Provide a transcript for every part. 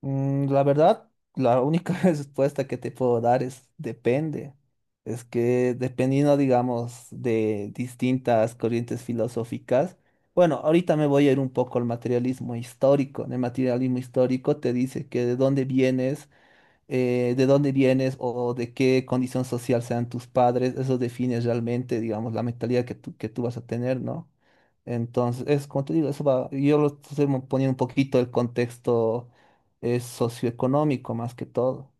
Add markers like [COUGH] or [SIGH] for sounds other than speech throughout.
La verdad, la única [LAUGHS] respuesta que te puedo dar es depende. Es que dependiendo, digamos, de distintas corrientes filosóficas, bueno, ahorita me voy a ir un poco al materialismo histórico. En el materialismo histórico te dice que de dónde vienes o de qué condición social sean tus padres, eso define realmente, digamos, la mentalidad que tú vas a tener, ¿no? Entonces, es como te digo, eso va, yo lo estoy poniendo un poquito el contexto socioeconómico más que todo,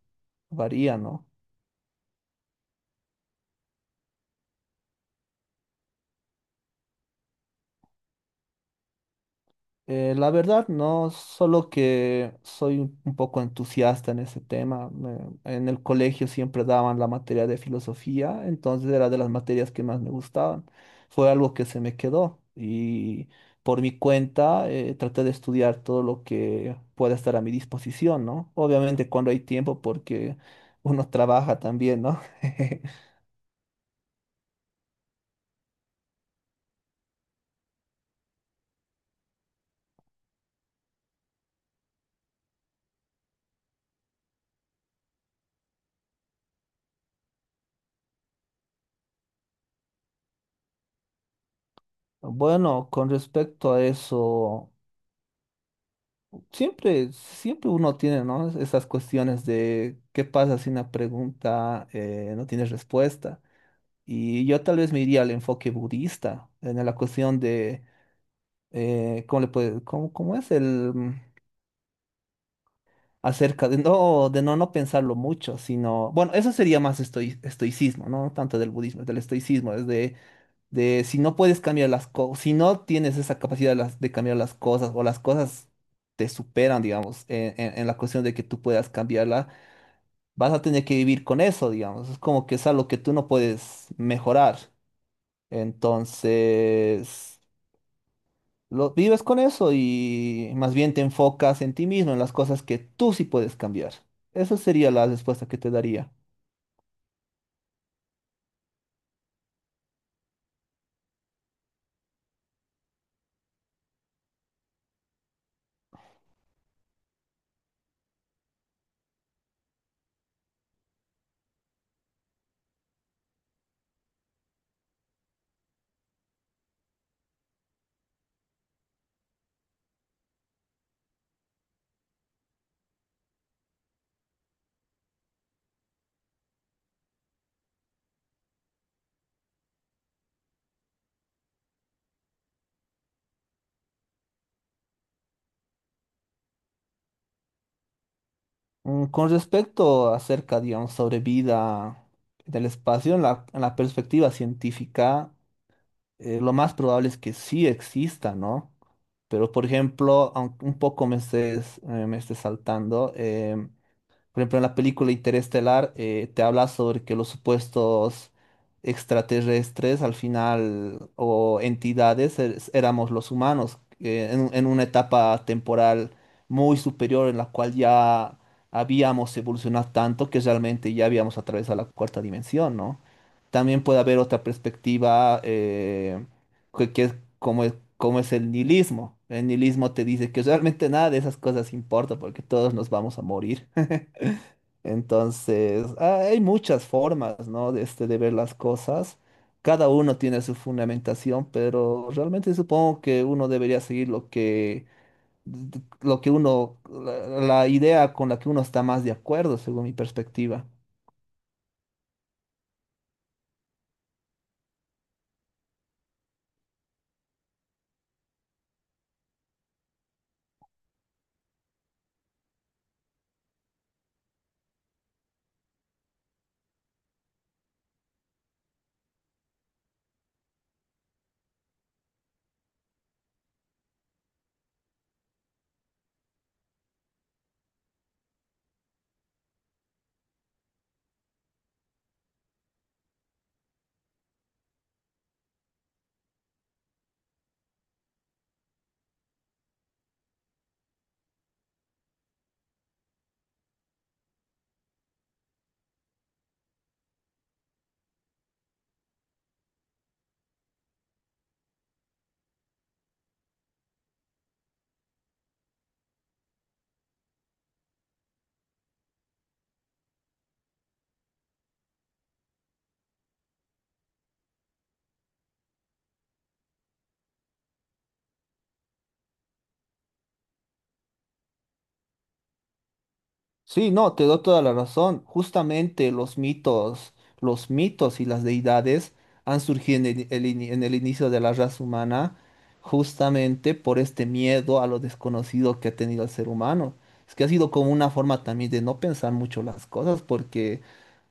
varía, ¿no? La verdad, no, solo que soy un poco entusiasta en ese tema. En el colegio siempre daban la materia de filosofía, entonces era de las materias que más me gustaban. Fue algo que se me quedó y por mi cuenta traté de estudiar todo lo que pueda estar a mi disposición, ¿no? Obviamente cuando hay tiempo porque uno trabaja también, ¿no? [LAUGHS] Bueno, con respecto a eso. Siempre, siempre uno tiene, ¿no? Esas cuestiones de qué pasa si una pregunta no tiene respuesta. Y yo tal vez me iría al enfoque budista, en la cuestión de cómo le puede, cómo es el acerca de no, no pensarlo mucho, sino, bueno, eso sería más estoicismo, ¿no? Tanto del budismo, del estoicismo, es de si no puedes cambiar las cosas, si no tienes esa capacidad de, de cambiar las cosas o las cosas te superan, digamos, en la cuestión de que tú puedas cambiarla, vas a tener que vivir con eso, digamos. Es como que es algo que tú no puedes mejorar. Entonces, lo, vives con eso y más bien te enfocas en ti mismo, en las cosas que tú sí puedes cambiar. Esa sería la respuesta que te daría. Con respecto acerca, digamos, sobre vida en el espacio, en la perspectiva científica, lo más probable es que sí exista, ¿no? Pero, por ejemplo, aunque un poco me estés, me esté saltando, por ejemplo, en la película Interestelar te habla sobre que los supuestos extraterrestres al final o éramos los humanos en una etapa temporal muy superior en la cual ya habíamos evolucionado tanto que realmente ya habíamos atravesado la cuarta dimensión, ¿no? También puede haber otra perspectiva que es como es el nihilismo. El nihilismo te dice que realmente nada de esas cosas importa porque todos nos vamos a morir. Entonces, hay muchas formas, ¿no? De ver las cosas. Cada uno tiene su fundamentación, pero realmente supongo que uno debería seguir lo que uno, la idea con la que uno está más de acuerdo, según mi perspectiva. Sí, no, te doy toda la razón. Justamente los mitos y las deidades han surgido en el inicio de la raza humana, justamente por este miedo a lo desconocido que ha tenido el ser humano. Es que ha sido como una forma también de no pensar mucho las cosas, porque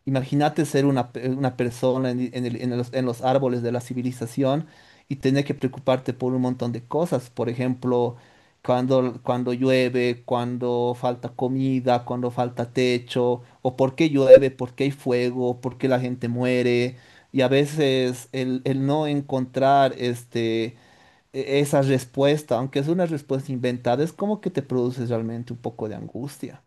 imagínate ser una persona en los árboles de la civilización y tener que preocuparte por un montón de cosas. Por ejemplo, cuando llueve, cuando falta comida, cuando falta techo, o por qué llueve, por qué hay fuego, por qué la gente muere. Y a veces el no encontrar esa respuesta, aunque es una respuesta inventada, es como que te produce realmente un poco de angustia.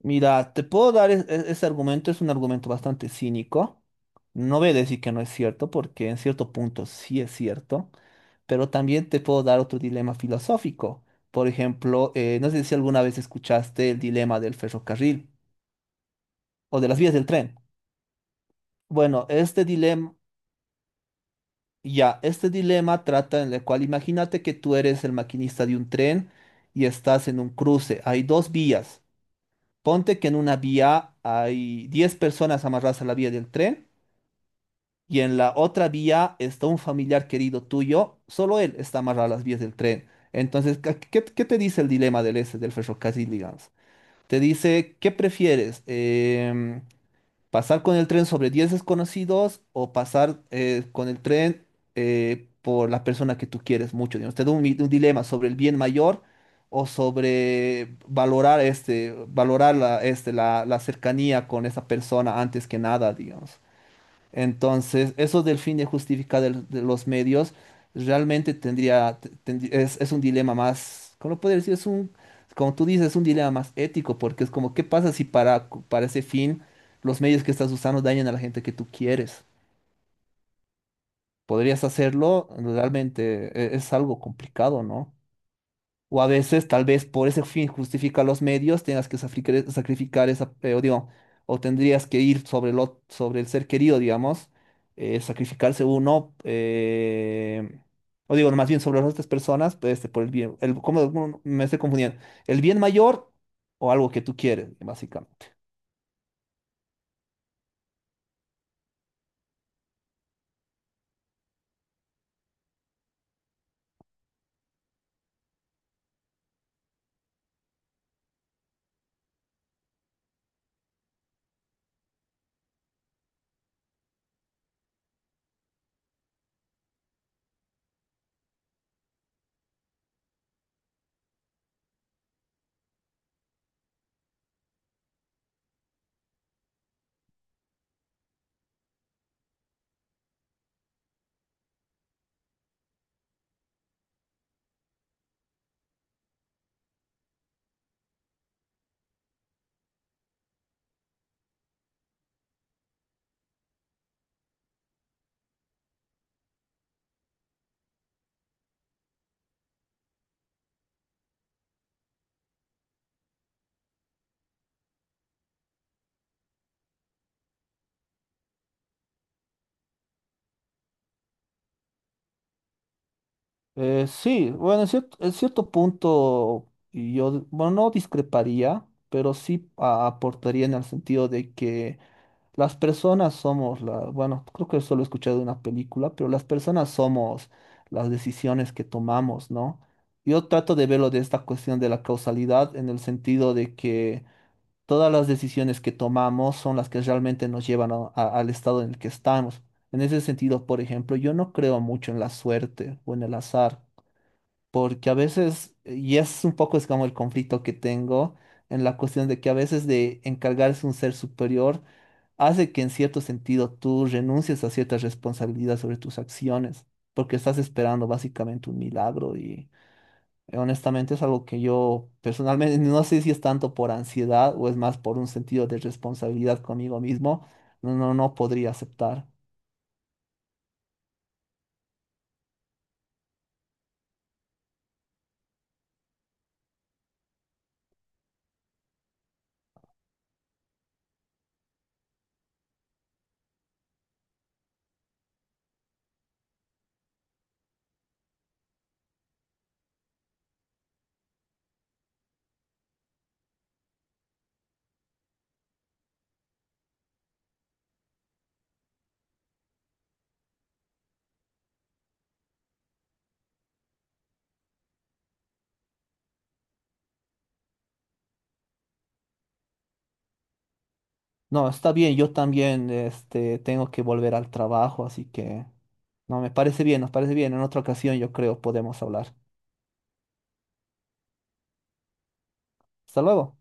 Mira, te puedo dar ese argumento, es un argumento bastante cínico. No voy a decir que no es cierto, porque en cierto punto sí es cierto, pero también te puedo dar otro dilema filosófico. Por ejemplo, no sé si alguna vez escuchaste el dilema del ferrocarril o de las vías del tren. Bueno, este dilema, ya, este dilema trata en el cual imagínate que tú eres el maquinista de un tren y estás en un cruce. Hay dos vías. Ponte que en una vía hay 10 personas amarradas a la vía del tren y en la otra vía está un familiar querido tuyo, solo él está amarrado a las vías del tren. Entonces, ¿qué te dice el dilema del este, del ferrocarril, digamos? Te dice, ¿qué prefieres? ¿Pasar con el tren sobre 10 desconocidos o pasar con el tren por la persona que tú quieres mucho? Digamos, te da un dilema sobre el bien mayor o sobre valorar la cercanía con esa persona antes que nada, digamos. Entonces, eso del fin de justificar de los medios realmente tendría, te- tendrí- es un dilema más, ¿cómo lo puedo decir? Es un, como tú dices, es un dilema más ético, porque es como, ¿qué pasa si para ese fin los medios que estás usando dañan a la gente que tú quieres? ¿Podrías hacerlo? Realmente es algo complicado, ¿no? O a veces, tal vez por ese fin justifica los medios, tengas que sacrificar esa, o digo, o tendrías que ir sobre el ser querido, digamos, sacrificarse uno, o digo, más bien sobre las otras personas, pues, por el bien, el, ¿cómo me estoy confundiendo? ¿El bien mayor o algo que tú quieres, básicamente? Sí, bueno, en cierto punto yo, bueno, no discreparía, pero sí aportaría en el sentido de que las personas somos la, bueno, creo que solo he escuchado de una película, pero las personas somos las decisiones que tomamos, ¿no? Yo trato de verlo de esta cuestión de la causalidad en el sentido de que todas las decisiones que tomamos son las que realmente nos llevan al estado en el que estamos. En ese sentido, por ejemplo, yo no creo mucho en la suerte o en el azar, porque a veces, y es un poco es como el conflicto que tengo en la cuestión de que a veces de encargarse un ser superior, hace que en cierto sentido tú renuncies a ciertas responsabilidades sobre tus acciones, porque estás esperando básicamente un milagro y honestamente es algo que yo personalmente [LAUGHS] no sé si es tanto por ansiedad o es más por un sentido de responsabilidad conmigo mismo, no, no, no podría aceptar. No, está bien, yo también tengo que volver al trabajo, así que no, me parece bien, nos parece bien. En otra ocasión yo creo podemos hablar. Hasta luego.